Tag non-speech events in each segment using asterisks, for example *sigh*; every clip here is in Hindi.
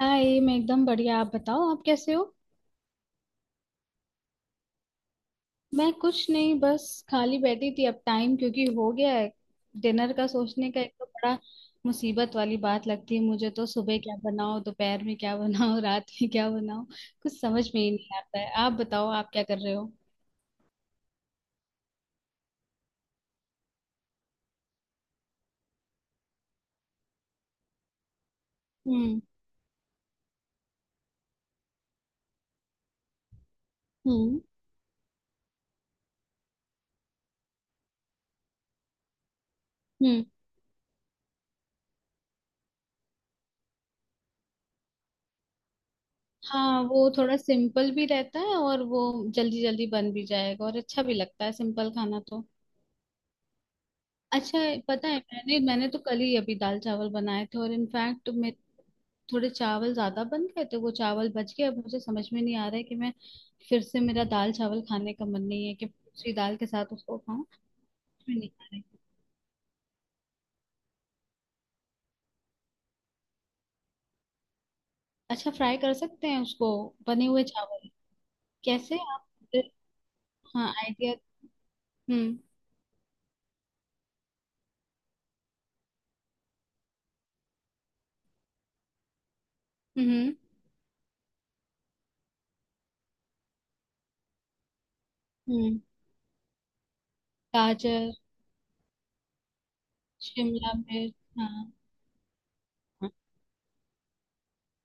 हाय, मैं एकदम बढ़िया। आप बताओ, आप कैसे हो? मैं कुछ नहीं, बस खाली बैठी थी। अब टाइम क्योंकि हो गया है डिनर का सोचने का, एक तो बड़ा मुसीबत वाली बात लगती है मुझे, तो सुबह क्या बनाओ, दोपहर में क्या *laughs* बनाओ, रात में क्या बनाओ, कुछ समझ में ही नहीं आता है। आप बताओ, आप क्या कर रहे हो? हम्म। हम्म। हम्म। हाँ, वो थोड़ा सिंपल भी रहता है और वो जल्दी जल्दी बन भी जाएगा, और अच्छा भी लगता है सिंपल खाना तो। अच्छा है, पता है, मैंने मैंने तो कल ही अभी दाल चावल बनाए थे, और इनफैक्ट मैं, थोड़े चावल ज्यादा बन गए थे, वो चावल बच गए। अब मुझे समझ में नहीं आ रहा है कि मैं, फिर से मेरा दाल चावल खाने का मन नहीं है कि दूसरी दाल के साथ उसको खाऊं। समझ में नहीं आ रहा है। अच्छा, फ्राई कर सकते हैं उसको? बने हुए चावल? कैसे आप? हाँ, आइडिया। हम्म। हम्म। हम्म। गाजर, शिमला मिर्च, हाँ हाँ,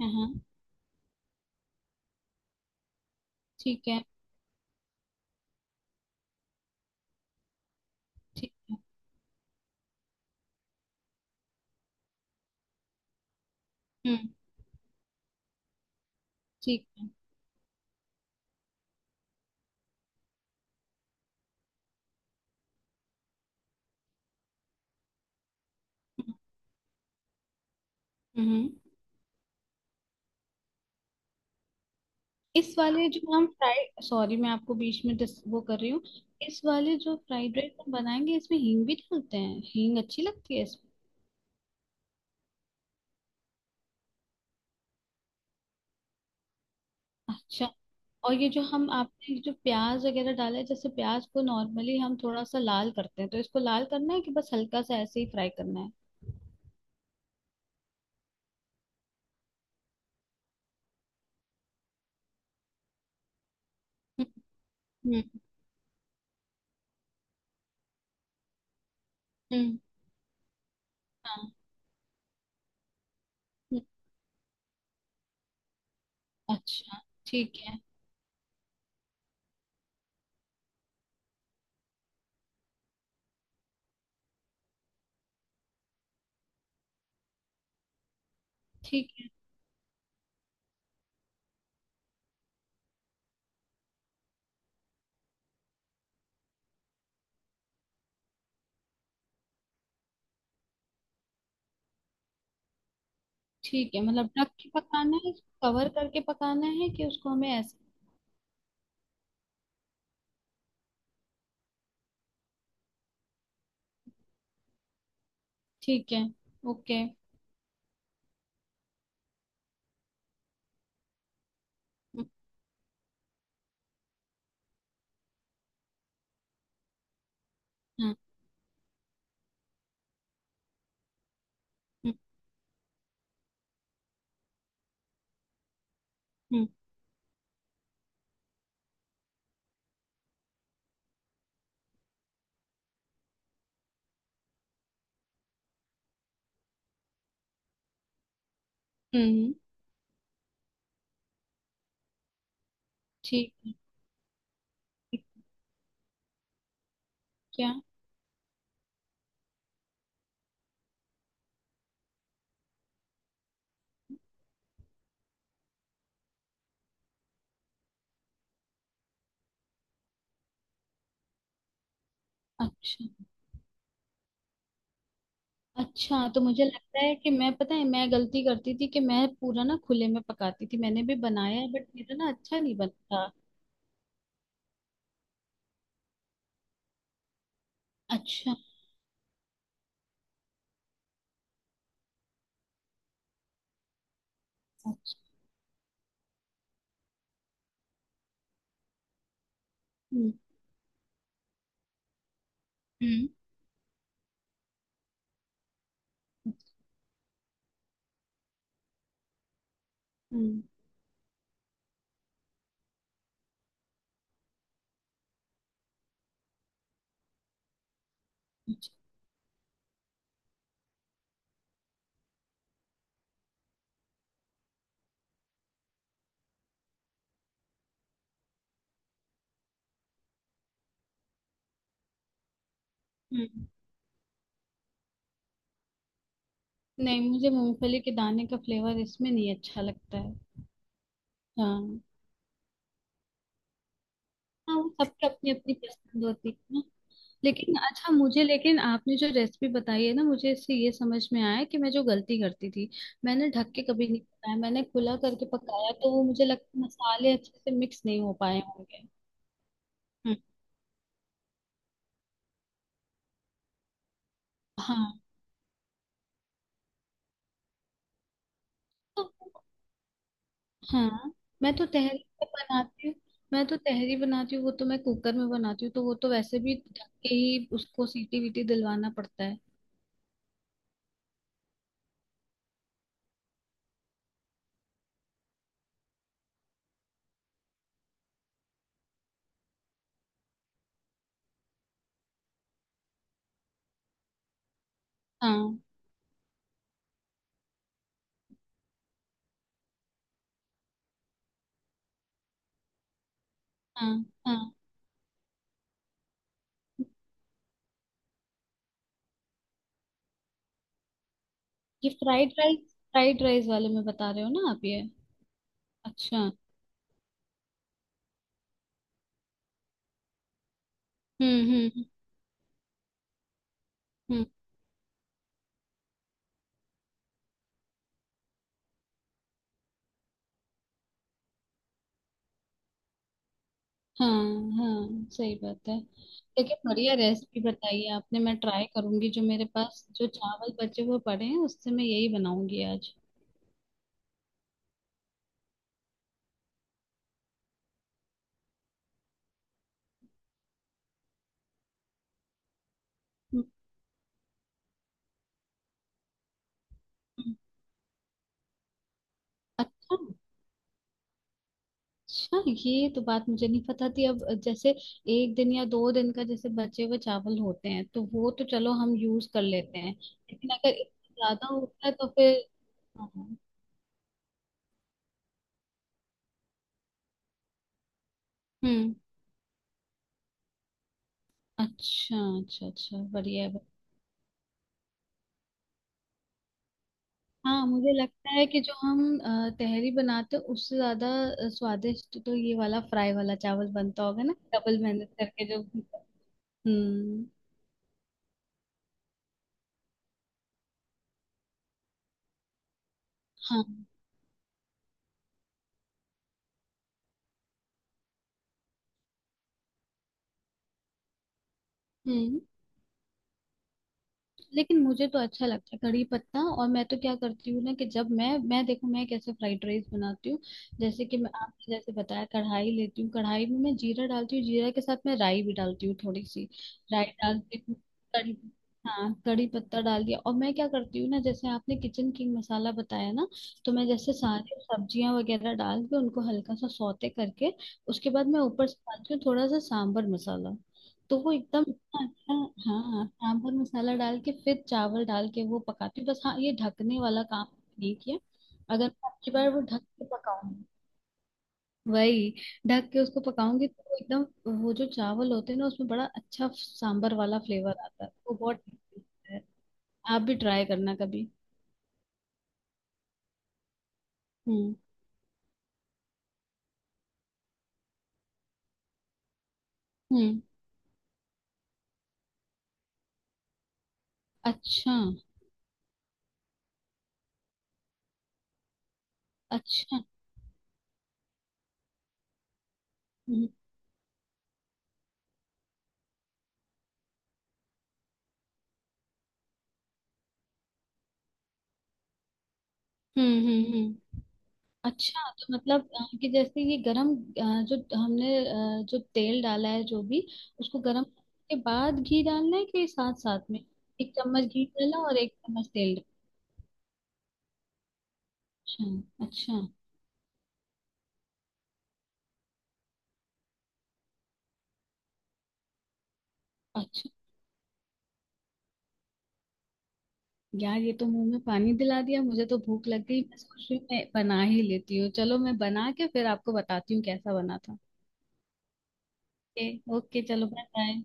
हाँ, हाँ, ठीक है। ठीक है। हम्म। ठीक है। हम्म। हम्म। इस वाले जो हम फ्राइड, सॉरी, मैं आपको बीच में वो कर रही हूँ। इस वाले जो फ्राइड राइस हम बनाएंगे इसमें हींग भी डालते हैं, हींग अच्छी लगती है इसमें। अच्छा। और ये जो हम आपने, ये जो प्याज वगैरह डाला है, जैसे प्याज को नॉर्मली हम थोड़ा सा लाल करते हैं, तो इसको लाल करना है कि बस हल्का सा ऐसे ही फ्राई करना है? हम्म। हम्म। हम्म, हाँ। हम्म। अच्छा। ठीक है। ठीक है। ठीक है, मतलब ढक के पकाना है? कवर करके पकाना है कि उसको हमें ऐसे? ठीक है। ओके। हम्म। हम्म। हम्म। हम्म, ठीक है। ठीक। क्या? अच्छा। अच्छा, तो मुझे लगता है कि मैं, पता है, मैं गलती करती थी कि मैं पूरा ना खुले में पकाती थी, मैंने भी बनाया है बट मेरा ना अच्छा नहीं बनता। अच्छा। अच्छा। हम्म। हम्म। हम्म, अच्छा, हम्म। नहीं, मुझे मूंगफली के दाने का फ्लेवर इसमें नहीं अच्छा लगता है। हाँ। हाँ, वो सबकी अपनी अपनी पसंद होती है। लेकिन अच्छा, मुझे लेकिन आपने जो रेसिपी बताई है ना, मुझे इससे ये समझ में आया कि मैं जो गलती करती थी, मैंने ढक के कभी नहीं पकाया, मैंने खुला करके पकाया, तो वो मुझे लगता है मसाले अच्छे से मिक्स नहीं हो पाए होंगे। हम्म, हाँ। तो हाँ, मैं तो तहरी तो बनाती हूँ। मैं तो तहरी बनाती हूँ, वो तो मैं कुकर में बनाती हूँ, तो वो तो वैसे भी ढक के ही उसको सीटी वीटी दिलवाना पड़ता है। हाँ। हाँ। हाँ, ये फ्राइड राइस, फ्राइड राइस वाले में बता रहे हो ना आप ये? अच्छा। हम्म। हम्म। हम्म। हाँ। हाँ, सही बात है। लेकिन बढ़िया रेसिपी बताई है आपने, मैं ट्राई करूंगी, जो मेरे पास जो चावल बचे हुए पड़े हैं उससे मैं यही बनाऊंगी आज। हम्म। हम्म। अच्छा। अच्छा, ये तो बात मुझे नहीं पता थी। अब जैसे एक दिन या 2 दिन का जैसे बचे हुए चावल होते हैं तो वो तो चलो हम यूज कर लेते हैं, लेकिन अगर इससे ज्यादा होता है तो फिर। हाँ, हम्म। अच्छा, अच्छा, अच्छा, बढ़िया है। हाँ, मुझे लगता है कि जो हम तहरी बनाते हैं उससे ज्यादा स्वादिष्ट तो ये वाला फ्राई वाला चावल बनता होगा ना डबल मेहनत करके जो। हम्म। हाँ। हम्म। लेकिन मुझे तो अच्छा लगता है कड़ी पत्ता, और मैं तो क्या करती हूँ ना, कि जब मैं देखो मैं कैसे फ्राइड राइस बनाती हूँ। जैसे कि मैं, आपने जैसे बताया, कढ़ाई लेती हूँ, कढ़ाई में मैं जीरा डालती हूँ, जीरा के साथ मैं राई भी डालती हूँ थोड़ी सी। राई डालती हूँ, कड़ी, हाँ, कड़ी पत्ता डाल दिया। और मैं क्या करती हूँ ना, जैसे आपने किचन किंग मसाला बताया ना, तो मैं जैसे सारी सब्जियां वगैरह डाल के उनको हल्का सा सौते करके, उसके बाद मैं ऊपर से डालती हूँ थोड़ा सा सांबर मसाला, तो वो एकदम। अच्छा। हाँ, सांभर मसाला डाल के फिर चावल डाल के वो पकाती हूँ बस, हाँ, ये ढकने वाला काम नहीं किया। अगर मैं अगली बार वो ढक के पकाऊंगी, वही ढक के उसको पकाऊंगी तो वो एकदम, वो जो चावल होते हैं ना उसमें बड़ा अच्छा सांभर वाला फ्लेवर आता है, वो बहुत tasty लगता है। आप भी ट्राई करना कभी। हम्म। हम्म। अच्छा। अच्छा। हम्म। हम्म। हम्म। हम्म। अच्छा, तो मतलब कि जैसे ये गरम, जो हमने, जो तेल डाला है जो भी, उसको गरम करने के बाद घी डालना है कि साथ साथ में? एक चम्मच घी डाला और एक चम्मच तेल डाला? अच्छा। अच्छा। अच्छा। यार, ये तो मुंह में पानी दिला दिया, मुझे तो भूख लग गई। मैं सोच रही हूँ मैं बना ही लेती हूँ, चलो, मैं बना के फिर आपको बताती हूँ कैसा बना था। ओके। ओके, चलो, बाय बाय।